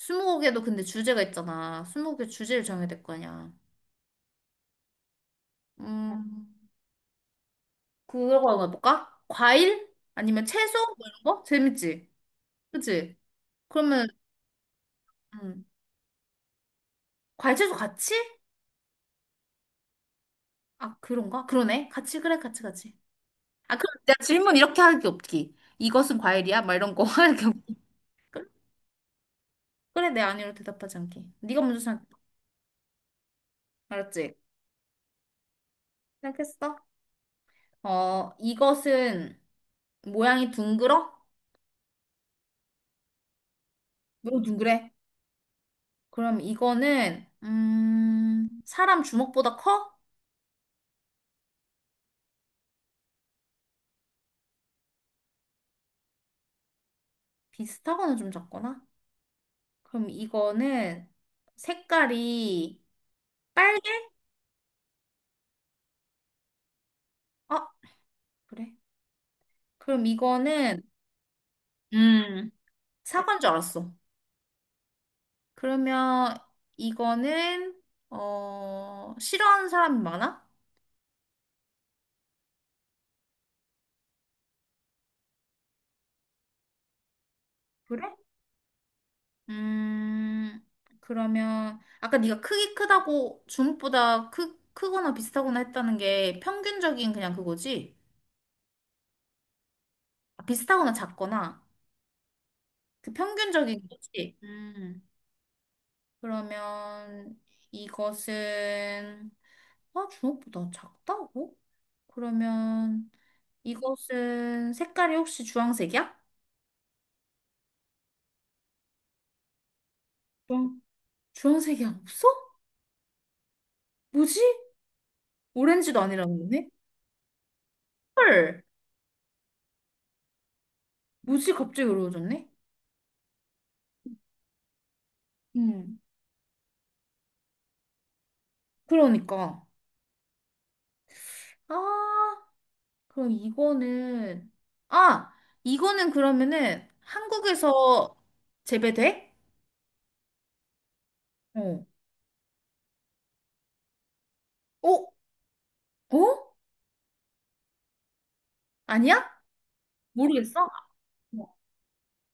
스무고개도 근데 주제가 있잖아. 스무고개 주제를 정해야 될 거 아니야. 음, 그거 한번 해볼까? 과일? 아니면 채소? 뭐 이런 거? 재밌지? 그치? 그러면, 음, 과일 채소 같이? 아, 그런가? 그러네. 같이, 그래, 같이, 같이. 아, 그럼 내가 질문 이렇게 할 게 없기. 이것은 과일이야? 막 이런 거 할 게 없기. 그래, 그래, 내 아니로 대답하지 않게. 네가 먼저 생각, 알았지? 생각했어? 어, 이것은 모양이 둥글어? 너무 둥그래? 그럼 이거는, 사람 주먹보다 커? 비슷하거나 좀 작거나? 그럼 이거는 색깔이 빨개? 아, 그래. 그럼 이거는, 음, 사과인 줄 알았어. 그러면 이거는, 어, 싫어하는 사람이 많아? 그래? 음, 그러면, 아까 네가 크기 크다고 주먹보다 크, 크거나 비슷하거나 했다는 게 평균적인 그냥 그거지? 아, 비슷하거나 작거나. 그 평균적인 거지. 음. 그러면 이것은 아, 주먹보다 작다고? 그러면 이것은 색깔이 혹시 주황색이야? 주황, 주황색이 없어? 뭐지? 오렌지도 아니라는 거네? 헐, 뭐지? 갑자기 어려워졌네? 음, 그러니까. 아, 그럼 이거는, 아, 이거는 그러면은 한국에서 재배돼? 어. 어? 어? 아니야? 모르겠어? 어.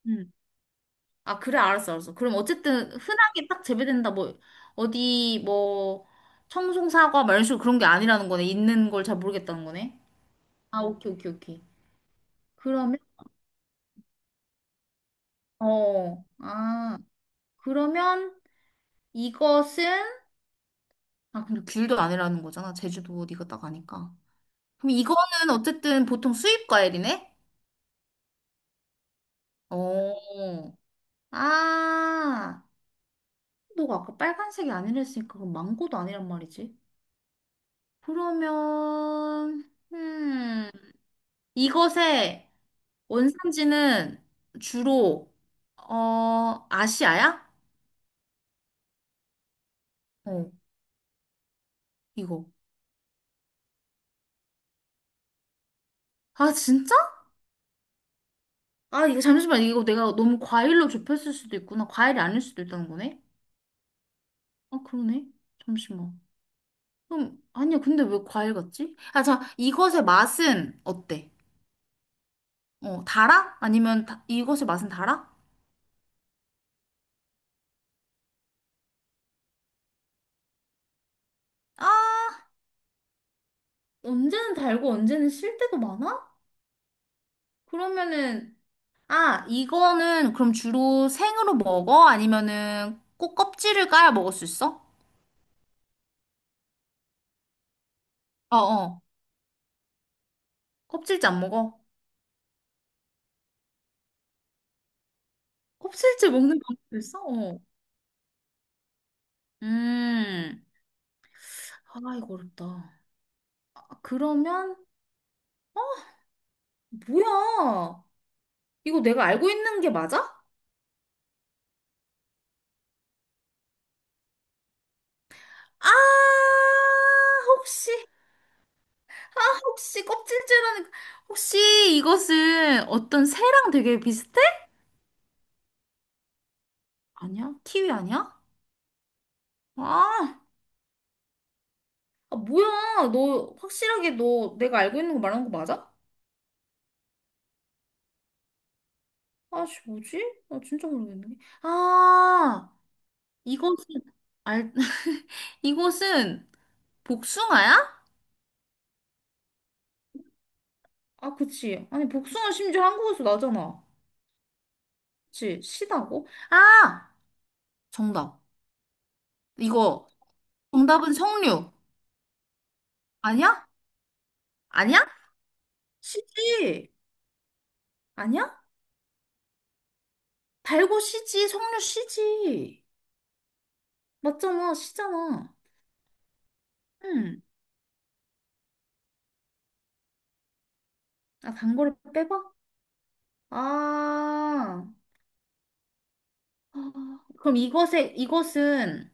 응. 아, 그래, 알았어, 알았어. 그럼 어쨌든 흔하게 딱 재배된다, 뭐, 어디, 뭐, 청송사과, 막 이런 식으로 그런 게 아니라는 거네. 있는 걸 잘 모르겠다는 거네. 아, 오케이, 오케이, 오케이. 그러면, 어, 아, 그러면 이것은, 아, 근데 귤도 아니라는 거잖아. 제주도 어디가 딱 아니까. 그럼 이거는 어쨌든 보통 수입 과일이네? 어, 아, 너가 아까 빨간색이 아니랬으니까 그럼 망고도 아니란 말이지. 그러면, 이것의 원산지는 주로, 어, 아시아야? 어, 이거. 아, 진짜? 아, 이거 잠시만. 이거 내가 너무 과일로 좁혔을 수도 있구나. 과일이 아닐 수도 있다는 거네? 아, 그러네. 잠시만. 그럼, 아니야. 근데 왜 과일 같지? 아, 자, 이것의 맛은 어때? 어, 달아? 아니면 다, 이것의 맛은 달아? 아, 언제는 달고 언제는 실 때도 많아? 그러면은, 아, 이거는 그럼 주로 생으로 먹어? 아니면은 꼭 껍질을 까야 먹을 수 있어? 어, 어. 껍질째 안 먹어? 껍질째 먹는 방법도 있어? 어. 음. 아, 이거 어렵다. 아, 그러면, 뭐야? 이거 내가 알고 있는 게 맞아? 아, 혹시, 아, 혹시 껍질째라는, 거- 혹시 이것은 어떤 새랑 되게 비슷해? 아니야? 키위 아니야? 아. 아, 뭐야. 너 확실하게 너 내가 알고 있는 거 말하는 거 맞아? 아씨, 뭐지? 아, 진짜 모르겠네. 아, 이것은 알 이것은 복숭아야? 아, 그치. 아니, 복숭아 심지어 한국에서 나잖아. 그치? 시다고? 아, 정답. 이거 정답은 석류. 아니야? 아니야? 시지. 아니야? 달고 시지, 석류 시지. 맞잖아, 시잖아. 응. 아, 단 거를 빼봐. 아. 아, 그럼 이것에, 이것은,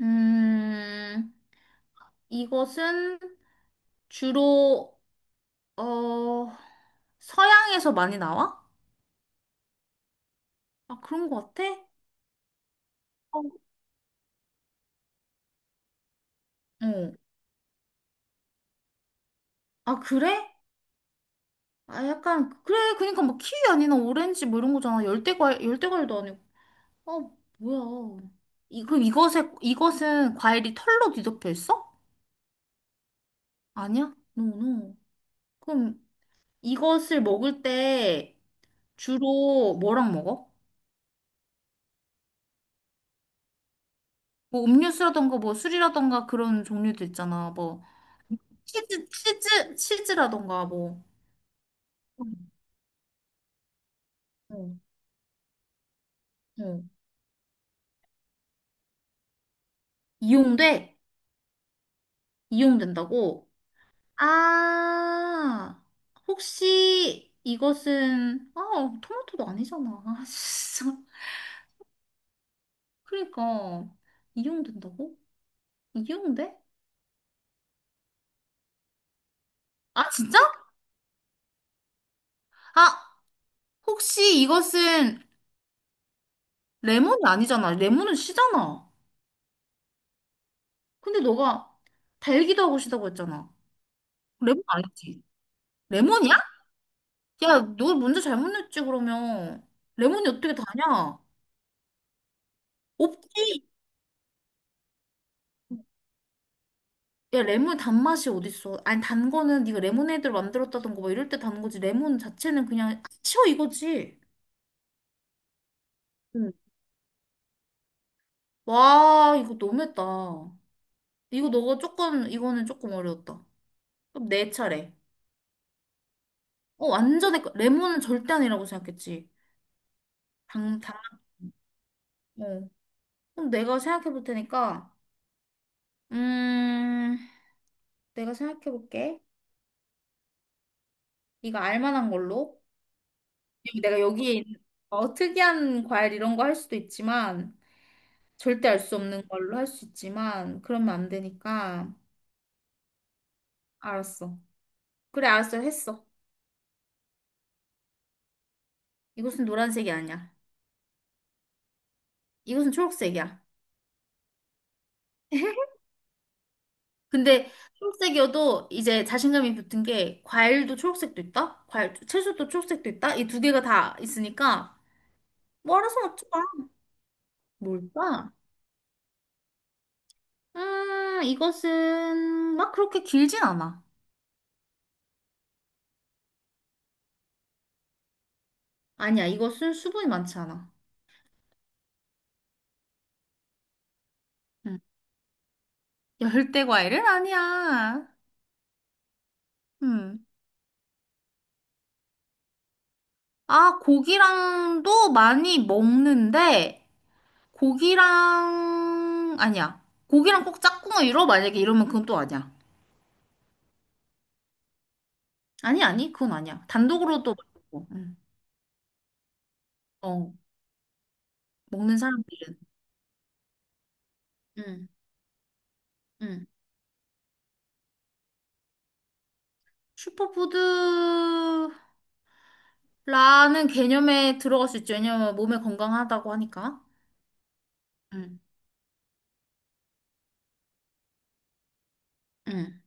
음, 이것은 주로, 어, 서양에서 많이 나와? 아, 그런 것 같아? 어, 어. 아, 그래? 아, 약간, 그래. 그러니까 뭐 키위 아니나 오렌지 뭐 이런 거잖아. 열대과일, 열대과일도 아니고. 어, 뭐야. 이, 그럼 이것에, 이것은 과일이 털로 뒤덮여 있어? 아니야? 노노. 그럼 이것을 먹을 때 주로 뭐랑 먹어? 뭐 음료수라던가 뭐 술이라던가 그런 종류도 있잖아. 뭐 치즈 치즈 치즈라던가 뭐 어, 어. 이용돼? 이용된다고? 아, 혹시 이것은 아, 토마토도 아니잖아. 아, 진짜. 그러니까 이용된다고? 이용돼? 아, 진짜? 아, 혹시 이것은 레몬이 아니잖아. 레몬은 씨잖아. 근데 너가 달기도 하고 시다고 했잖아. 레몬 아니지? 레몬이야? 야, 너 문제 잘못 냈지, 그러면. 레몬이 어떻게 다냐? 없지. 야, 레몬 단맛이 어딨어. 아니, 단 거는 네가 레모네이드를 만들었다던가 뭐 이럴 때 단 거지. 레몬 자체는 그냥 치워 이거지. 응. 와, 이거 너무했다. 이거 너가 조금, 이거는 조금 어려웠다. 그럼 내 차례. 어, 완전히, 거- 레몬은 절대 아니라고 생각했지. 당, 당, 어. 그럼 내가 생각해 볼 테니까, 음, 내가 생각해 볼게. 네가 알 만한 걸로. 내가 여기에 있는 어, 특이한 과일 이런 거 할 수도 있지만 절대 알 수 없는 걸로 할 수 있지만 그러면 안 되니까 알았어. 그래 알았어 했어. 이것은 노란색이 아니야. 이것은 초록색이야. 근데 초록색이어도 이제 자신감이 붙은 게 과일도 초록색도 있다. 과일 채소도 초록색도 있다. 이 두 개가 다 있으니까 뭐 알아서 맞춰봐. 뭘까? 이것은 막 그렇게 길진 않아. 아니야 이것은 수분이 많지 않아. 음. 열대 과일은 아니야. 음. 아, 고기랑도 많이 먹는데, 고기랑, 아니야. 고기랑 꼭 짝꿍을 이뤄? 만약에 이러면 그건 또 아니야. 아니, 아니, 그건 아니야. 단독으로도 먹고, 어, 먹는 사람들은. 음, 음. 슈퍼푸드라는 개념에 들어갈 수 있죠. 왜냐면 몸에 건강하다고 하니까. 음, 음,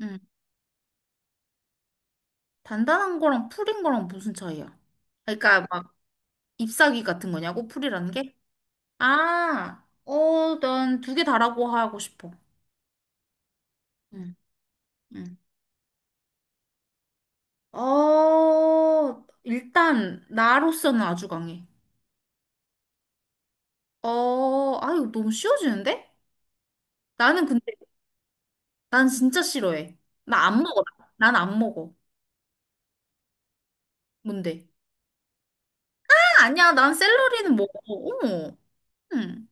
음. 단단한 거랑 풀인 거랑 무슨 차이야? 그러니까 막 잎사귀 같은 거냐고? 풀이라는 게? 아, 어, 난 두 개 다라고 하고 싶어. 응, 응. 어, 일단, 나로서는 아주 강해. 어, 아유, 너무 쉬워지는데? 나는 근데, 난 진짜 싫어해. 나 안 먹어. 난 안 먹어. 뭔데? 아, 아니야, 난 샐러리는 먹어. 어머. 응.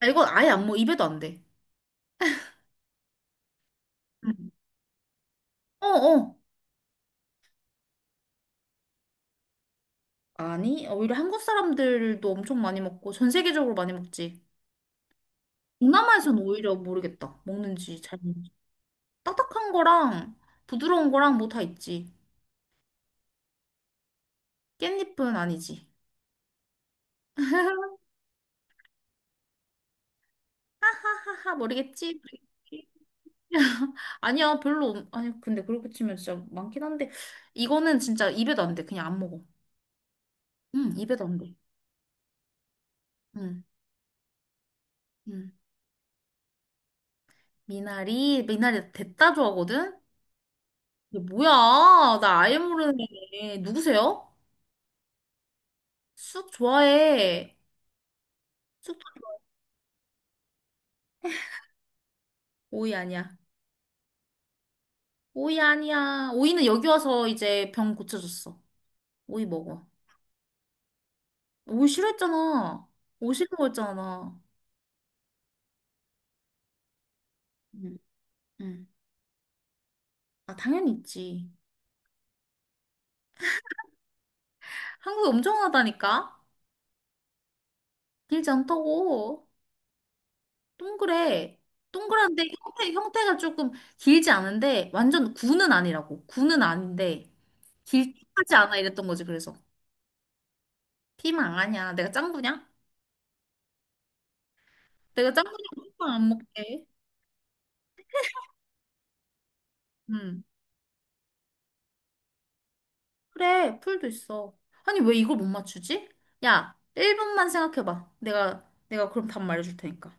아, 이건 아예 안 먹어. 입에도 안 돼. 응. 어, 어. 아니, 어, 오히려 한국 사람들도 엄청 많이 먹고, 전 세계적으로 많이 먹지. 동남아에서는 오히려 모르겠다. 먹는지 잘 모르지. 딱딱한 거랑 부드러운 거랑 뭐 다 있지. 깻잎은 아니지. 하하하 모르겠지. 모르겠지. 아니야 별로 없- 아니 근데 그렇게 치면 진짜 많긴 한데 이거는 진짜 입에도 안 돼. 그냥 안 먹어. 응 입에도 안 돼. 응. 응. 미나리 미나리 됐다 좋아하거든. 이게 뭐야? 나 아예 모르는 애. 누구세요? 쑥 좋아해. 쑥 오이 아니야. 오이 아니야. 오이는 여기 와서 이제 병 고쳐줬어. 오이 먹어. 오이 싫어했잖아. 오이 싫은 거였잖아. 응, 응. 아, 당연히 있지. 한국이 엄청 하다니까? 길지 않다고. 동그래. 동그란데 형태, 형태가 조금 길지 않은데, 완전 구는 아니라고. 구는 아닌데, 길하지 않아 이랬던 거지, 그래서. 피망 아니야. 내가 짱구냐? 내가 짱구냐? 피망 안 먹게. 응. 그래, 풀도 있어. 아니, 왜 이걸 못 맞추지? 야, 1분만 생각해봐. 내가 그럼 답 말해줄 테니까.